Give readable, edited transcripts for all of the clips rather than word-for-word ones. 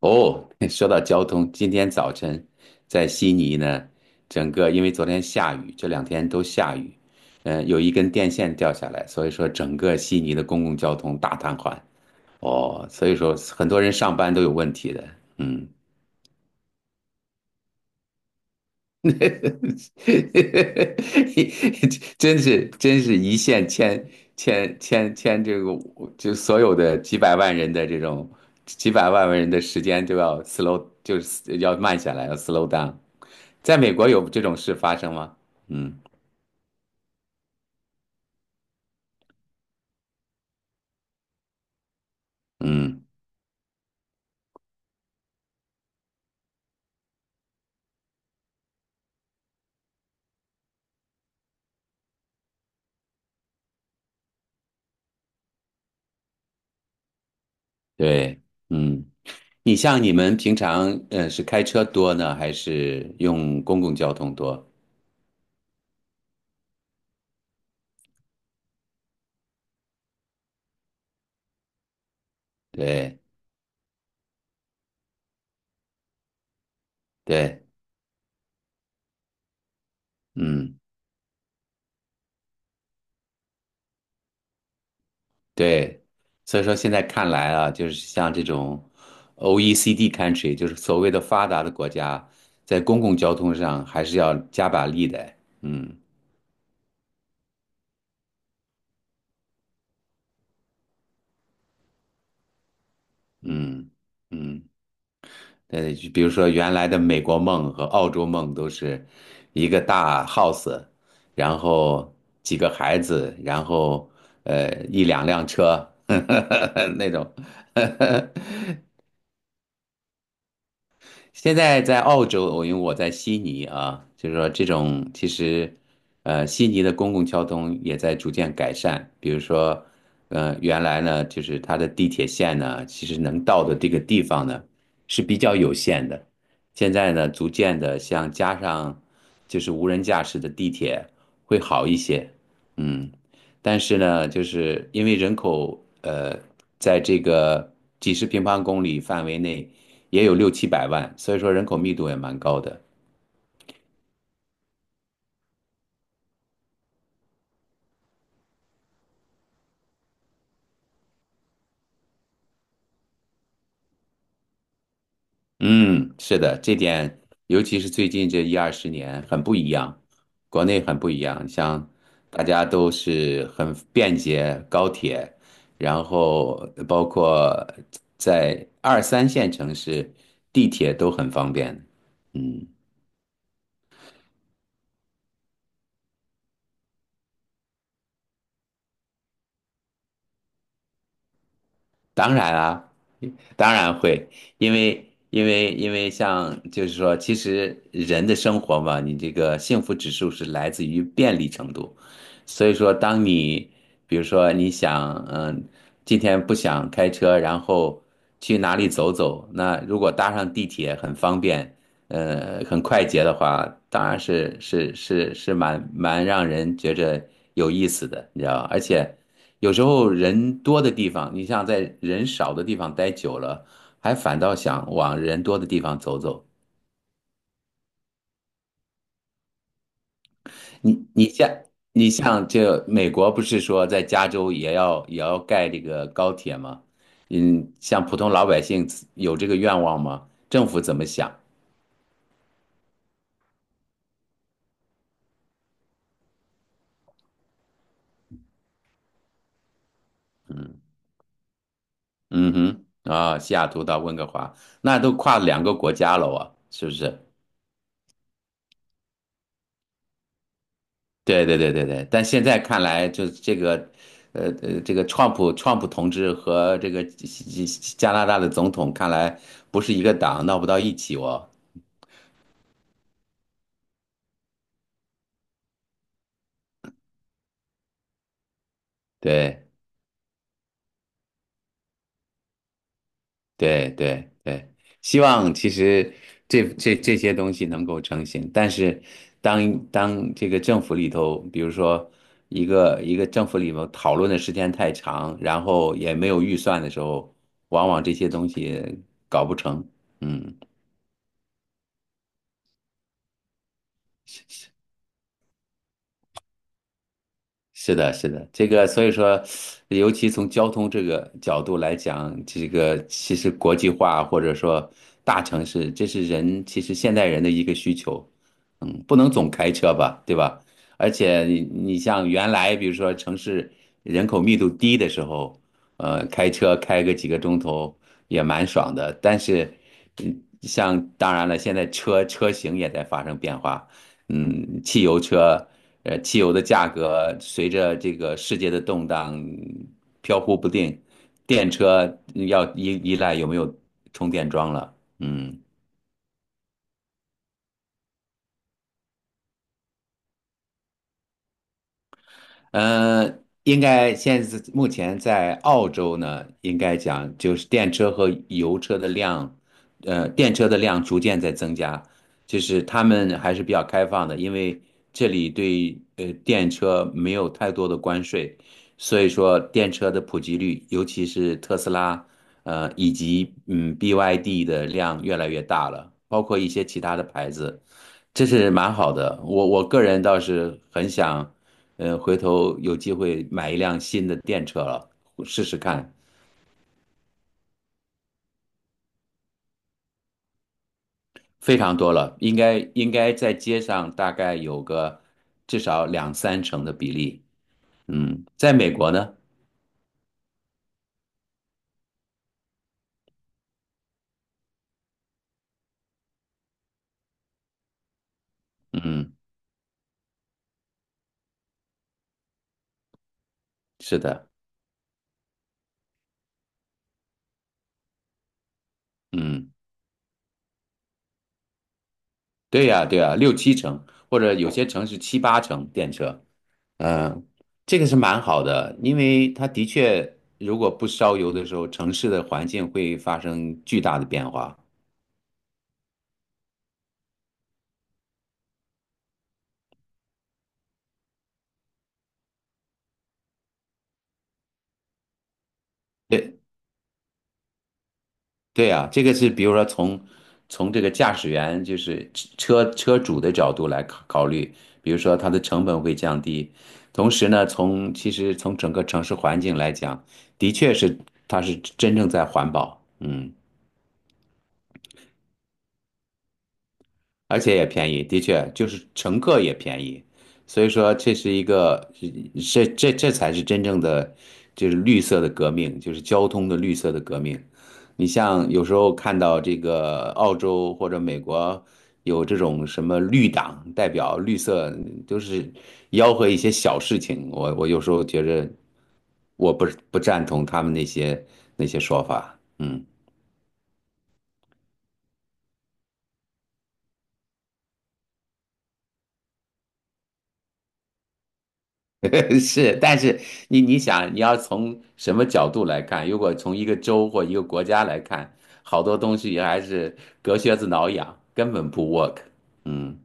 哦，说到交通，今天早晨在悉尼呢，整个因为昨天下雨，这两天都下雨，有一根电线掉下来，所以说整个悉尼的公共交通大瘫痪。哦，所以说很多人上班都有问题的。嗯。真是一线牵这个，就所有的几百万人的这种几百万人的时间都要 slow，就是要慢下来，要 slow down。在美国有这种事发生吗？嗯嗯，对，嗯，你像你们平常是开车多呢，还是用公共交通多？对对，嗯。对，所以说现在看来啊，就是像这种 OECD country,就是所谓的发达的国家，在公共交通上还是要加把力的。嗯嗯嗯，就比如说原来的美国梦和澳洲梦都是一个大 house,然后几个孩子，然后一两辆车 那种。 现在在澳洲，我因为我在悉尼啊，就是说这种其实，呃，悉尼的公共交通也在逐渐改善。比如说，呃，原来呢，就是它的地铁线呢，其实能到的这个地方呢是比较有限的。现在呢，逐渐的像加上就是无人驾驶的地铁会好一些，嗯。但是呢，就是因为人口在这个几十平方公里范围内。也有六七百万，所以说人口密度也蛮高的。嗯，是的，这点尤其是最近这一二十年很不一样，国内很不一样，像大家都是很便捷高铁，然后包括在二三线城市，地铁都很方便。嗯。当然啊，当然会，因为像就是说，其实人的生活嘛，你这个幸福指数是来自于便利程度，所以说，当你比如说你想，嗯，今天不想开车，然后去哪里走走，那如果搭上地铁很方便，呃，很快捷的话，当然是蛮让人觉着有意思的，你知道吧？而且有时候人多的地方，你像在人少的地方待久了，还反倒想往人多的地方走走。你你像你像这美国不是说在加州也要盖这个高铁吗？嗯，像普通老百姓有这个愿望吗？政府怎么想？嗯嗯哼啊，西雅图到温哥华，那都跨两个国家了啊，是不是？对对对对对，但现在看来，就是这个，这个川普同志和这个加拿大的总统，看来不是一个党，闹不到一起哦。对对对对，希望其实这些东西能够成型，但是当这个政府里头，比如说一个政府里头讨论的时间太长，然后也没有预算的时候，往往这些东西搞不成。嗯。是的，是的，这个所以说，尤其从交通这个角度来讲，这个其实国际化或者说大城市，这是人其实现代人的一个需求，嗯，不能总开车吧，对吧？而且你你像原来比如说城市人口密度低的时候，呃，开车开个几个钟头也蛮爽的，但是，嗯，像当然了，现在车型也在发生变化。嗯，汽油车，呃，汽油的价格随着这个世界的动荡飘忽不定，电车要依赖有没有充电桩了。嗯，呃，应该现在目前在澳洲呢，应该讲就是电车和油车的量，呃，电车的量逐渐在增加，就是他们还是比较开放的，因为这里对电车没有太多的关税，所以说电车的普及率，尤其是特斯拉，呃，以及BYD 的量越来越大了，包括一些其他的牌子。这是蛮好的。我个人倒是很想，呃，回头有机会买一辆新的电车了，试试看。非常多了，应该在街上大概有个至少两三成的比例。嗯，在美国呢，嗯，是的，嗯，对呀，对呀，六七成，或者有些城市七八成电车。嗯，这个是蛮好的，因为它的确，如果不烧油的时候，城市的环境会发生巨大的变化。对。对啊，这个是比如说从这个驾驶员就是车主的角度来考虑，比如说它的成本会降低，同时呢，从其实从整个城市环境来讲，的确是它是真正在环保，嗯。而且也便宜，的确就是乘客也便宜，所以说这是一个，这才是真正的，就是绿色的革命，就是交通的绿色的革命。你像有时候看到这个澳洲或者美国有这种什么绿党代表，绿色都是吆喝一些小事情，我有时候觉着我不不赞同他们那些那些说法，嗯。是，但是你想，你要从什么角度来看？如果从一个州或一个国家来看，好多东西还是隔靴子挠痒，根本不 work。嗯，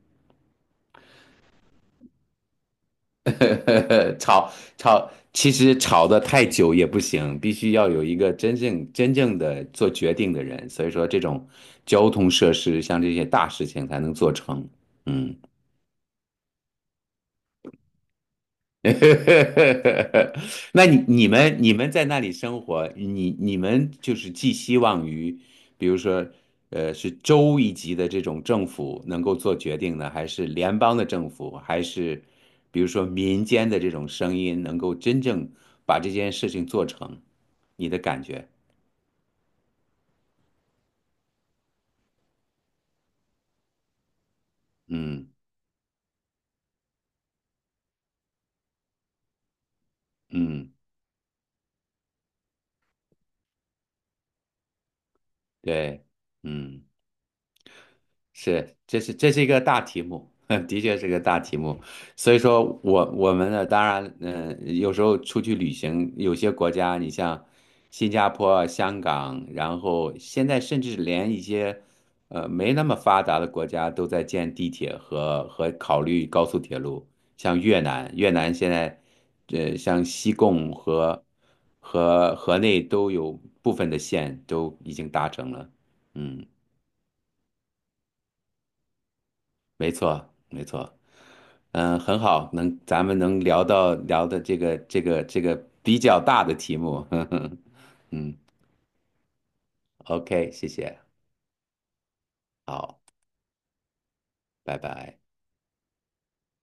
吵吵，其实吵得太久也不行，必须要有一个真正的做决定的人。所以说，这种交通设施像这些大事情才能做成。嗯。那你们在那里生活，你们就是寄希望于，比如说，呃，是州一级的这种政府能够做决定呢，还是联邦的政府，还是比如说民间的这种声音能够真正把这件事情做成？你的感觉？嗯嗯，对，嗯。是，这是一个大题目，的确是个大题目。所以说我们呢，当然，有时候出去旅行，有些国家，你像新加坡、香港，然后现在甚至连一些没那么发达的国家都在建地铁和考虑高速铁路，像越南，越南现在像西贡和河内都有部分的线都已经达成了，嗯。没错，没错，嗯，很好，能咱们能聊到聊的这个比较大的题目，嗯，OK,谢谢，好，拜拜。